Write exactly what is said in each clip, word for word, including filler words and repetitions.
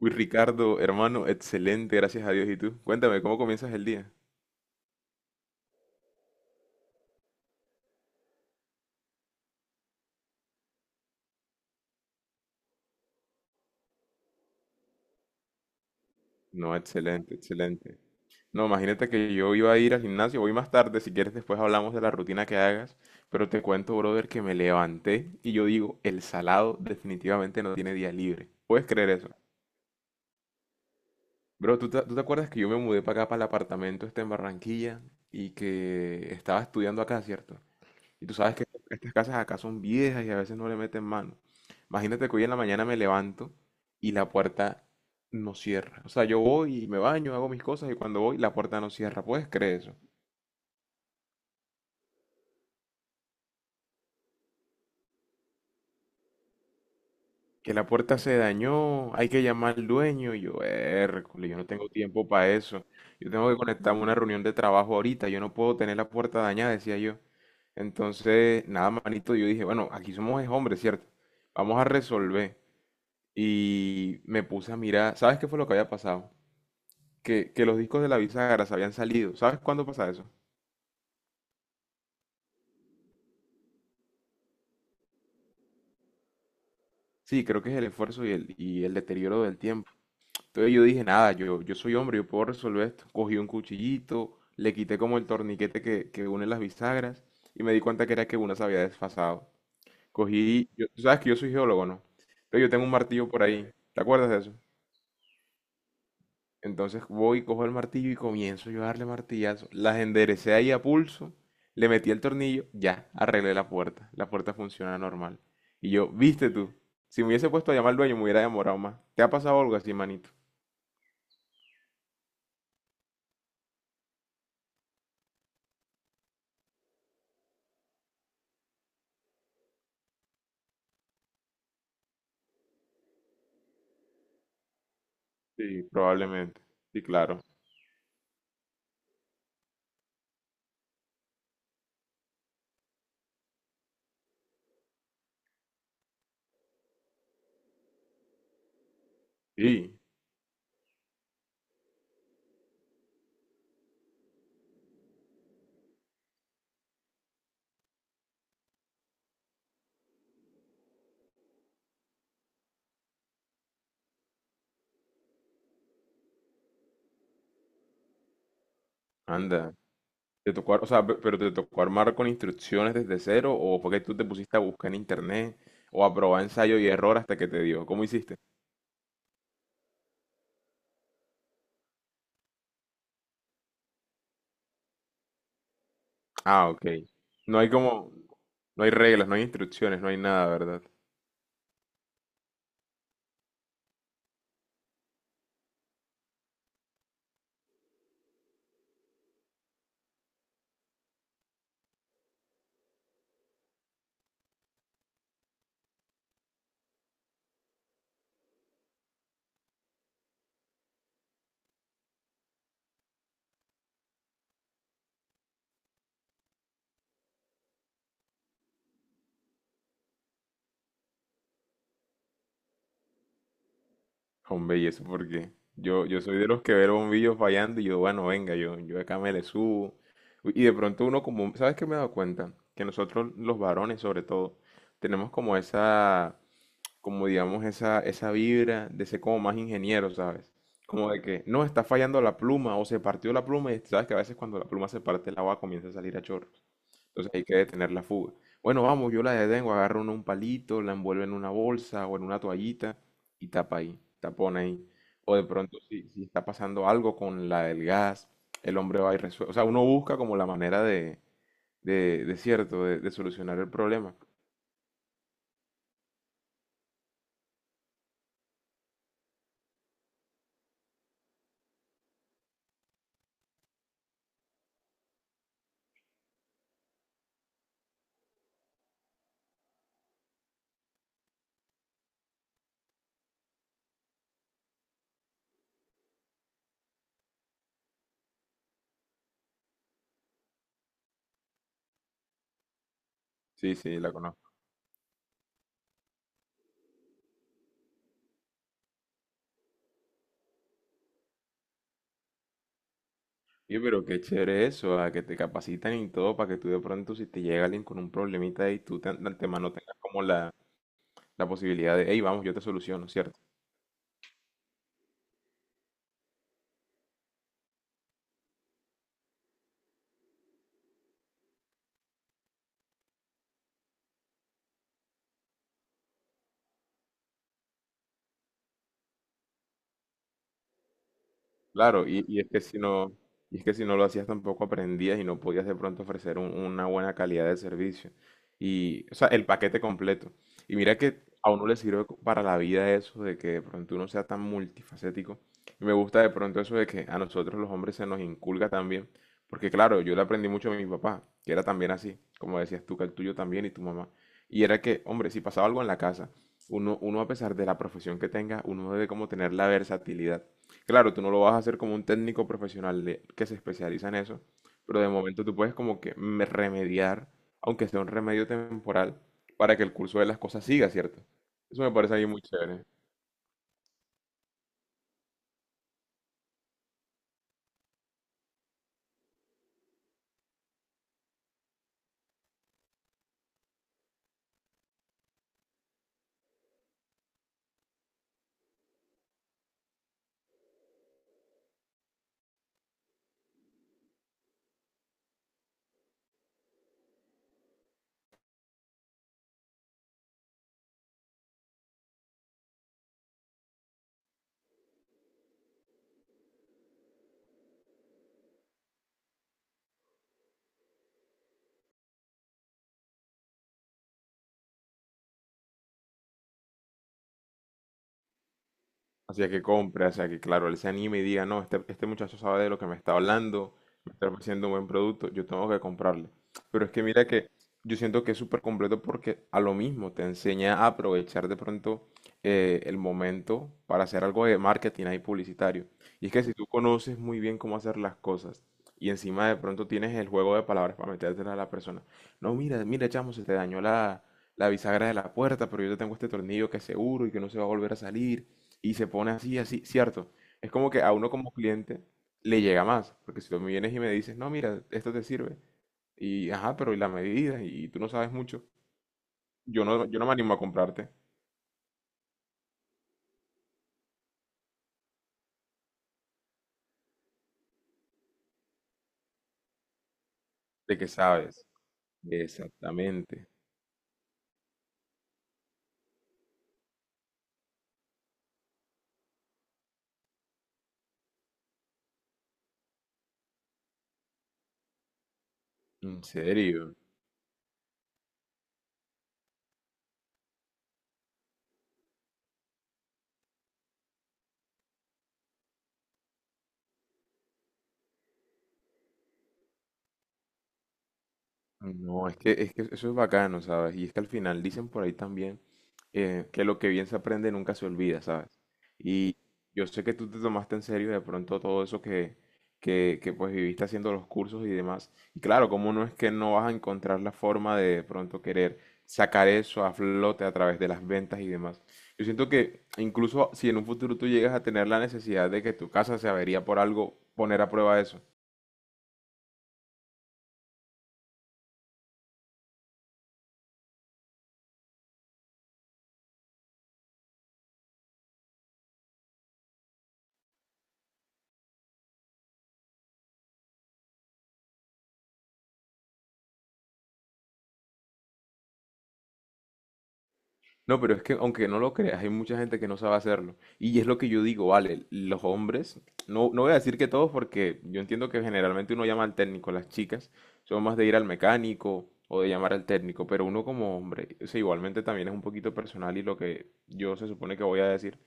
Uy, Ricardo, hermano, excelente, gracias a Dios. ¿Y tú? Cuéntame, ¿cómo comienzas el día? No, excelente, excelente. No, imagínate que yo iba a ir al gimnasio, voy más tarde, si quieres después hablamos de la rutina que hagas, pero te cuento, brother, que me levanté y yo digo, el salado definitivamente no tiene día libre. ¿Puedes creer eso? Bro, ¿tú te, tú te acuerdas que yo me mudé para acá, para el apartamento este en Barranquilla y que estaba estudiando acá, ¿cierto? Y tú sabes que estas casas acá son viejas y a veces no le meten mano. Imagínate que hoy en la mañana me levanto y la puerta no cierra. O sea, yo voy y me baño, hago mis cosas y cuando voy la puerta no cierra. ¿Puedes creer eso? Que la puerta se dañó, hay que llamar al dueño. Y yo, Hércules, yo no tengo tiempo para eso. Yo tengo que conectarme a una reunión de trabajo ahorita. Yo no puedo tener la puerta dañada, decía yo. Entonces, nada, manito, yo dije, bueno, aquí somos es hombres, ¿cierto? Vamos a resolver. Y me puse a mirar, ¿sabes qué fue lo que había pasado? Que, que los discos de la bisagra se habían salido. ¿Sabes cuándo pasa eso? Sí, creo que es el esfuerzo y el, y el deterioro del tiempo. Entonces yo dije, nada, yo, yo soy hombre, yo puedo resolver esto. Cogí un cuchillito, le quité como el torniquete que, que une las bisagras y me di cuenta que era que una se había desfasado. Cogí, yo- tú sabes que yo soy geólogo, ¿no? Entonces yo tengo un martillo por ahí. ¿Te acuerdas de eso? Entonces voy, cojo el martillo y comienzo yo a darle martillazo. Las enderecé ahí a pulso, le metí el tornillo, ya, arreglé la puerta. La puerta funciona normal. Y yo, viste tú, si me hubiese puesto a llamar al dueño me hubiera demorado más. ¿Te ha pasado algo así, manito? Sí, probablemente. Sí, claro. Sí, anda. ¿Te tocó, ar- O sea, pe- pero te tocó armar con instrucciones desde cero o fue que tú te pusiste a buscar en internet o a probar ensayo y error hasta que te dio? ¿Cómo hiciste? Ah, ok. No hay como, no hay reglas, no hay instrucciones, no hay nada, ¿verdad? Hombre, y eso porque yo, yo soy de los que ve el bombillo fallando y yo, bueno, venga, yo, yo acá me le subo. Y de pronto uno como, ¿sabes qué me he dado cuenta? Que nosotros los varones sobre todo, tenemos como esa, como digamos, esa, esa vibra de ser como más ingeniero, ¿sabes? Como de que, no, está fallando la pluma o se partió la pluma y sabes que a veces cuando la pluma se parte el agua comienza a salir a chorro. Entonces hay que detener la fuga. Bueno, vamos, yo la detengo, agarro un, un palito, la envuelvo en una bolsa o en una toallita y tapa ahí, tapona ahí. O de pronto, si, si está pasando algo con la del gas, el hombre va y resuelve. O sea, uno busca como la manera de, de, de cierto, de, de solucionar el problema. Sí, sí, la conozco. Oye, pero qué chévere eso, a que te capacitan y todo para que tú de pronto, si te llega alguien con un problemita y tú te- de antemano tengas como la, la posibilidad de, hey, vamos, yo te soluciono, ¿cierto? Claro, y, y es que si no, y es que si no lo hacías tampoco aprendías y no podías de pronto ofrecer un- una buena calidad de servicio. Y, o sea, el paquete completo. Y mira que a uno le sirve co- para la vida eso de que de pronto uno sea tan multifacético. Y me gusta de pronto eso de que a nosotros los hombres se nos inculca también. Porque claro, yo le aprendí mucho a mi papá, que era también así, como decías tú, que el tuyo también y tu mamá. Y era que, hombre, si pasaba algo en la casa, uno, uno a pesar de la profesión que tenga, uno debe como tener la versatilidad. Claro, tú no lo vas a hacer como un técnico profesional de- que se especializa en eso, pero de momento tú puedes como que me- remediar, aunque sea un remedio temporal, para que el curso de las cosas siga, ¿cierto? Eso me parece a muy chévere. Hacia que compre, hacia que, claro, él se anime y diga, no, este, este muchacho sabe de lo que me está hablando, me está ofreciendo un buen producto, yo tengo que comprarle. Pero es que mira que yo siento que es súper completo porque a lo mismo te enseña a aprovechar de pronto eh, el momento para hacer algo de marketing ahí publicitario. Y es que si tú conoces muy bien cómo hacer las cosas y encima de pronto tienes el juego de palabras para metértela a la persona, no, mira, mira, chamo, se te dañó la, la bisagra de la puerta, pero yo te tengo este tornillo que es seguro y que no se va a volver a salir y se pone así, así, cierto. Es como que a uno como cliente le llega más, porque si tú me vienes y me dices, no, mira, esto te sirve, y ajá, pero y la medida, y tú no sabes mucho, yo no, yo no me animo a comprarte. ¿De qué sabes? Exactamente. En serio. No, es que, es que eso es bacano, ¿sabes? Y es que al final dicen por ahí también eh, que lo que bien se aprende nunca se olvida, ¿sabes? Y yo sé que tú te tomaste en serio de pronto todo eso que, que, que pues viviste haciendo los cursos y demás. Y claro, como no es que no vas a encontrar la forma de, de pronto querer sacar eso a flote a través de las ventas y demás? Yo siento que incluso si en un futuro tú llegas a tener la necesidad de que tu casa se avería por algo, poner a prueba eso. No, pero es que aunque no lo creas, hay mucha gente que no sabe hacerlo. Y es lo que yo digo, vale, los hombres, no, no voy a decir que todos porque yo entiendo que generalmente uno llama al técnico, las chicas son más de ir al mecánico o de llamar al técnico, pero uno como hombre, o sea, igualmente también es un poquito personal y lo que yo se supone que voy a decir,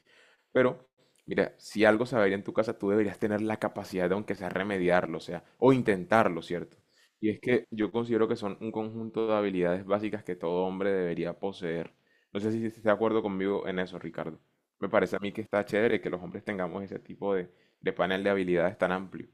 pero, mira, si algo se va a ir en tu casa, tú deberías tener la capacidad de, aunque sea remediarlo, o sea, o intentarlo, ¿cierto? Y es que yo considero que son un conjunto de habilidades básicas que todo hombre debería poseer. No sé si estás de acuerdo conmigo en eso, Ricardo. Me parece a mí que está chévere que los hombres tengamos ese tipo de, de panel de habilidades tan amplio.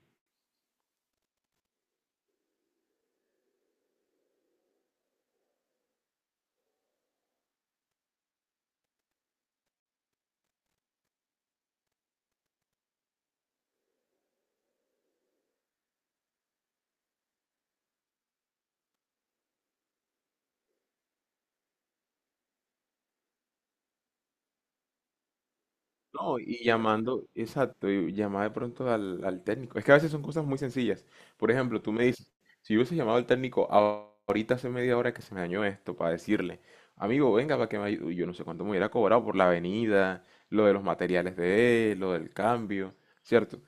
No, y llamando, exacto, y llamar de pronto al, al técnico. Es que a veces son cosas muy sencillas. Por ejemplo, tú me dices, si yo hubiese llamado al técnico a- ahorita hace media hora que se me dañó esto, para decirle, amigo, venga para que me ayude. Yo no sé cuánto me hubiera cobrado por la venida, lo de los materiales de él, lo del cambio, ¿cierto?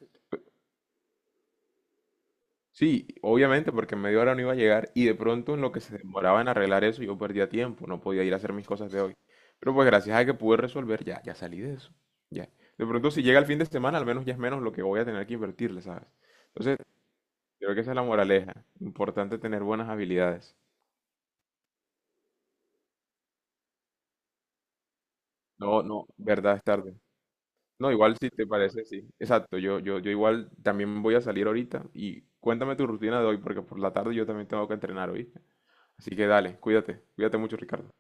Sí, obviamente, porque en media hora no iba a llegar y de pronto en lo que se demoraba en arreglar eso yo perdía tiempo, no podía ir a hacer mis cosas de hoy. Pero pues gracias a que pude resolver, ya, ya salí de eso. Ya. De pronto si llega el fin de semana, al menos ya es menos lo que voy a tener que invertirle, ¿sabes? Entonces, creo que esa es la moraleja. Importante tener buenas habilidades. No, no, verdad es tarde. No, igual si te parece, sí. Exacto, yo, yo, yo igual también voy a salir ahorita y cuéntame tu rutina de hoy, porque por la tarde yo también tengo que entrenar, ¿oíste? Así que dale, cuídate, cuídate mucho, Ricardo.